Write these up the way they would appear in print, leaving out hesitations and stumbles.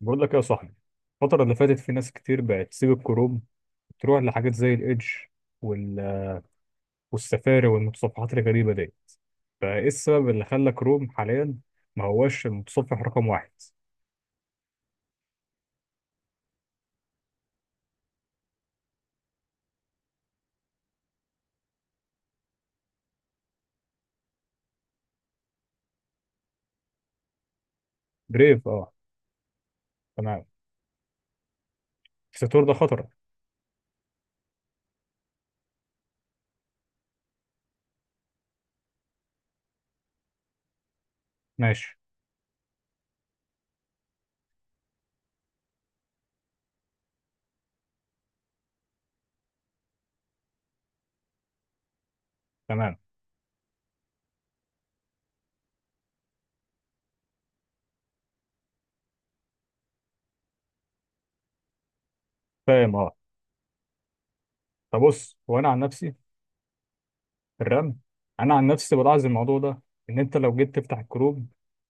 بقول لك إيه يا صاحبي. الفترة اللي فاتت في ناس كتير بقت تسيب الكروم، تروح لحاجات زي الإيدج وال... والسفاري والمتصفحات الغريبة دي. فإيه السبب اللي خلى كروم حاليا ما هوش المتصفح رقم واحد؟ بريف أه. تمام. الستور ده خطر. ماشي. تمام. فاهم أه. طب بص هو أنا عن نفسي في الرمي، انا عن نفسي بلاحظ الموضوع ده، ان انت لو جيت تفتح الكروب،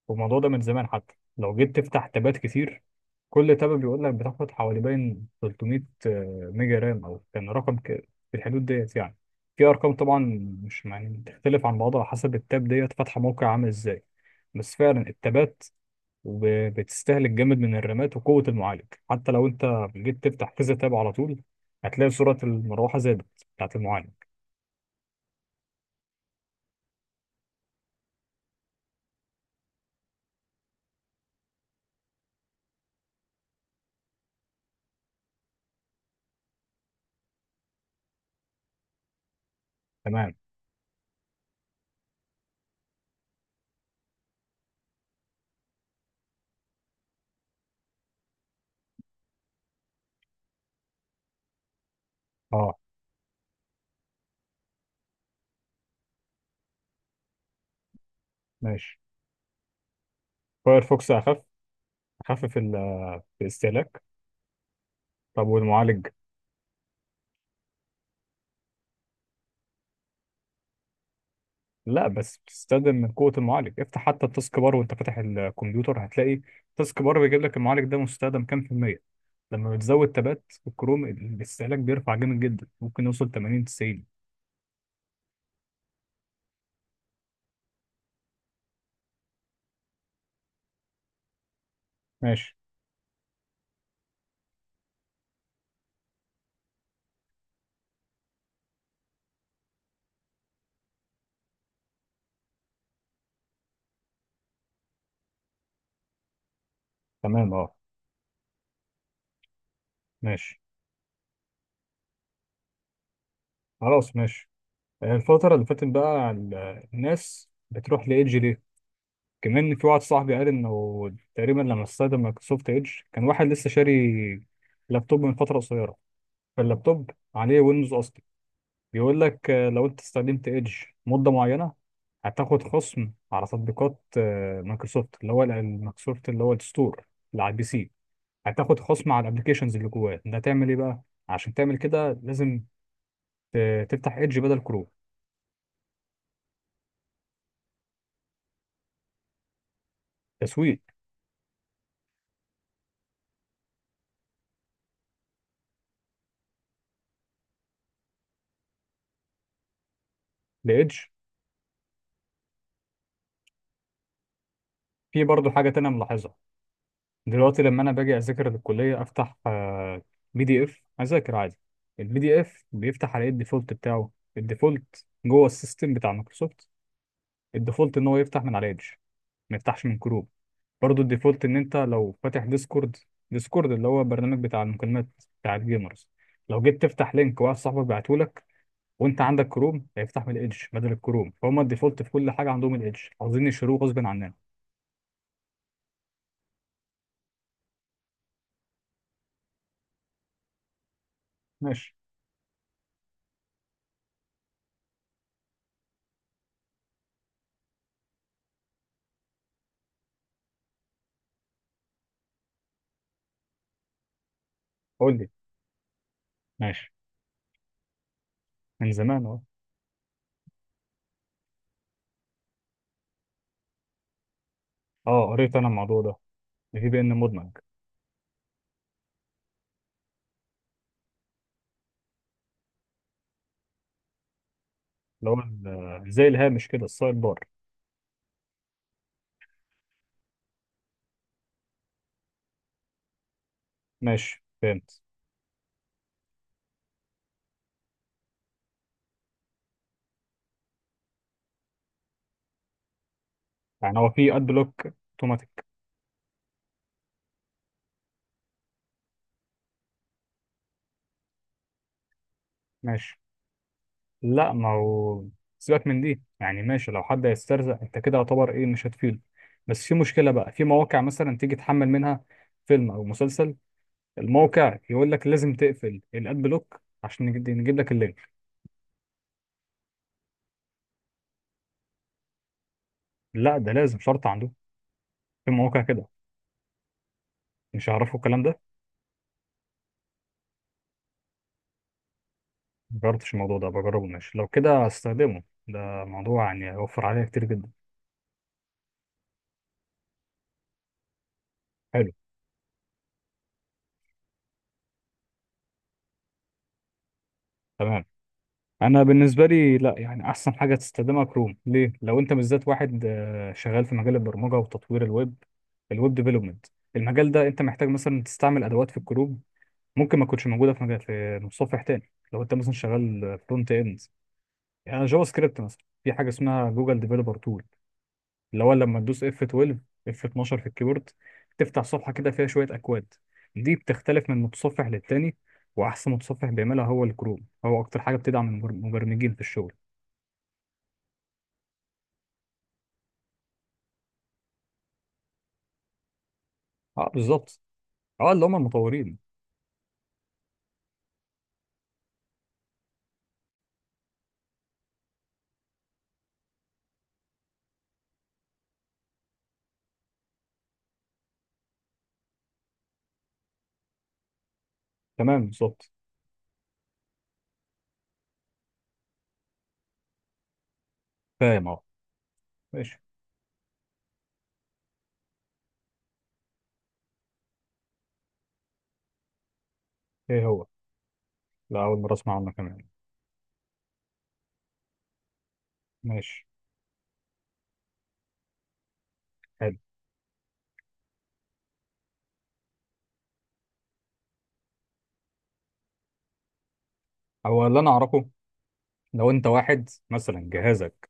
والموضوع ده من زمان، حتى لو جيت تفتح تابات كتير كل تابة بيقول لك بتاخد حوالي باين 300 ميجا رام، او كان رقم في الحدود ديت يعني، في ارقام طبعا، مش يعني بتختلف عن بعضها حسب التاب ديت فاتحه موقع عامل ازاي. بس فعلا التابات بتستهلك جامد من الرامات وقوه المعالج. حتى لو انت جيت تفتح كذا تاب على طول هتلاقي سرعه المروحه زادت، بتاعت المعالج. تمام. اه. ماشي. فايرفوكس اخف. اخفف الاستهلاك. طب والمعالج؟ لا بس بتستخدم من قوه المعالج. افتح حتى التاسك بار وانت فاتح الكمبيوتر هتلاقي التاسك بار بيجيب لك المعالج ده مستخدم كام في الميه. لما بتزود تبات الكروم الاستهلاك بيرفع جامد جدا، ممكن يوصل 80 90. ماشي. تمام. اه. ماشي. خلاص ماشي. الفتره اللي فاتت بقى الناس بتروح لايدج ليه؟ كمان في واحد صاحبي قال انه تقريبا لما استخدم مايكروسوفت ايدج كان واحد لسه شاري لابتوب من فتره قصيره، فاللابتوب عليه ويندوز اصلي. بيقول لك لو انت استخدمت ايدج مده معينه هتاخد خصم على تطبيقات مايكروسوفت، اللي هو مايكروسوفت اللي هو الستور اللي على البي سي. هتاخد خصم على الابلكيشنز اللي جواه. ده تعمل ايه بقى؟ عشان تعمل كده لازم تفتح ايدج بدل كروم. تسويق لايدج. في برضه حاجه تانية ملاحظها، دلوقتي لما انا باجي اذاكر للكليه افتح بي دي اف اذاكر عادي. البي دي اف بيفتح على ايه الديفولت بتاعه؟ الديفولت جوه السيستم بتاع مايكروسوفت، الديفولت ان هو يفتح من على ايدج، ما يفتحش من كروم. برضو الديفولت ان انت لو فاتح ديسكورد، ديسكورد اللي هو برنامج بتاع المكالمات بتاع الجيمرز، لو جيت تفتح لينك واحد صاحبك بعته لك وانت عندك كروم هيفتح من الايدج بدل الكروم. فهم الديفولت في كل حاجه عندهم الايدج، عاوزين يشتروه غصب عننا. ماشي. قول لي. ماشي. من زمان اهو. اه قريت انا الموضوع ده، الفي بي ان مدمج. اللي هو زي الهامش كده، السايد بار. ماشي فهمت. يعني هو في اد بلوك اوتوماتيك؟ ماشي. لا ما هو سيبك من دي، يعني ماشي، لو حد هيسترزق انت كده يعتبر ايه مش هتفيده. بس في مشكلة بقى في مواقع مثلا تيجي تحمل منها فيلم او مسلسل، الموقع يقول لك لازم تقفل الاد بلوك عشان نجيب لك اللينك. لا ده لازم شرط عنده، في مواقع كده مش هيعرفوا الكلام ده. مجربتش الموضوع ده، بجربه ماشي، لو كده هستخدمه. ده موضوع يعني هيوفر عليا كتير جدا. حلو. تمام. انا بالنسبه لي لا، يعني احسن حاجه تستخدمها كروم. ليه؟ لو انت بالذات واحد شغال في مجال البرمجه وتطوير الويب، الويب ديفلوبمنت، المجال ده انت محتاج مثلا تستعمل ادوات في الكروم ممكن ما تكونش موجوده في مجال في متصفح تاني. لو انت مثلا شغال فرونت اند، يعني جافا سكريبت مثلا، في حاجه اسمها جوجل ديفلوبر تول، اللي هو لما تدوس اف 12، اف 12 في الكيبورد تفتح صفحه كده فيها شويه اكواد، دي بتختلف من متصفح للتاني، واحسن متصفح بيعملها هو الكروم، هو اكتر حاجه بتدعم المبرمجين في الشغل. اه بالظبط. اه اللي هم المطورين. تمام بالظبط. فاهم اه. ماشي. ايه هو؟ لا اول مره اسمع عنه كمان. ماشي. حلو. هو اللي انا اعرفه لو انت واحد مثلا جهازك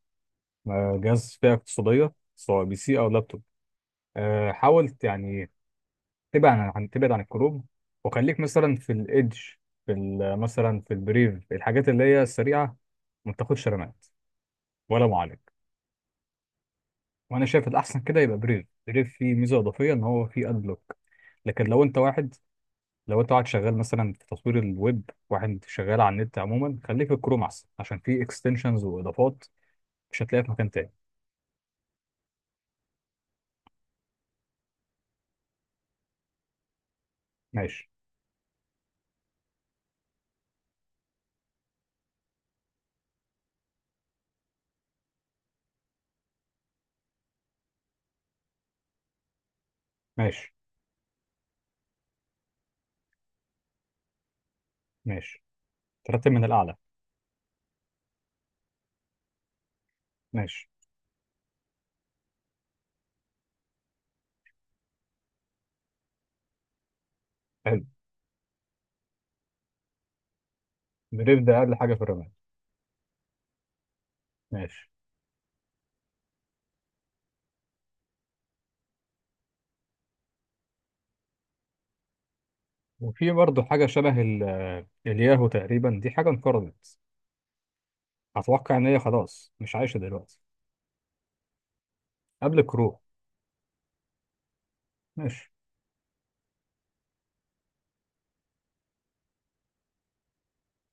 جهاز فئه اقتصاديه سواء بي سي او لابتوب، حاول يعني تبعد عن تبعد عن الكروب، وخليك مثلا في الايدج، في مثلا في البريف، في الحاجات اللي هي السريعه ما تاخدش رامات ولا معالج. وانا شايف الاحسن كده يبقى بريف، بريف فيه ميزه اضافيه ان هو فيه اد بلوك. لكن لو انت واحد، لو انت قاعد شغال مثلا في تصوير الويب، واحد شغال على النت عموما، خليك في الكروم احسن، عشان في اكستنشنز واضافات مش هتلاقيها في مكان تاني. ماشي. ماشي. ماشي. ترتب من الاعلى. ماشي. حلو. بريف ده اقل حاجه في الرماد. ماشي. وفي برضه حاجه شبه الياهو تقريبا، دي حاجه انقرضت، اتوقع ان هي خلاص مش عايشه دلوقتي. قبل كروم. ماشي.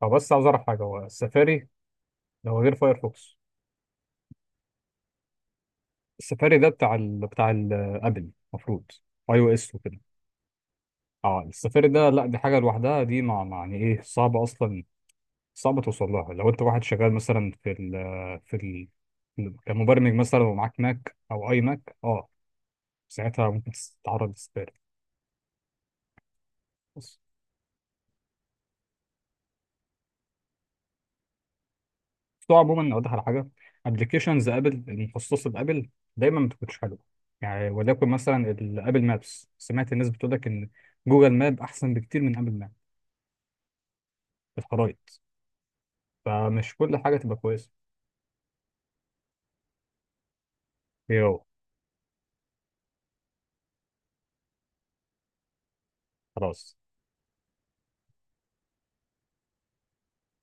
او بس عاوز اعرف حاجه، هو السفاري ده هو غير فايرفوكس؟ السفاري ده بتاع ابل المفروض، اي او اس. اه السفير ده لا، دي حاجه لوحدها، دي ما يعني ايه صعبه اصلا، صعبه توصل لها. لو انت واحد شغال مثلا في في ال كمبرمج مثلا ومعاك ماك او اي ماك اه، ساعتها ممكن تتعرض للسفير بس. بتوع عموما اوضح على حاجه، ابلكيشنز ابل المخصصه لابل دايما ما بتكونش حلوه، يعني وليكن مثلا الابل مابس، سمعت الناس بتقول لك ان جوجل ماب احسن بكتير من ابل ماب في الخرائط. فمش كل حاجه تبقى كويسه. يو. خلاص.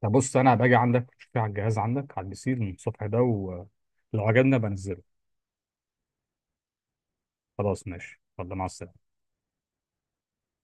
طب بص انا باجي عندك في على الجهاز عندك على البي سي من الصبح ده، ولو عجبنا بنزله. خلاص ماشي، يلا مع السلامه.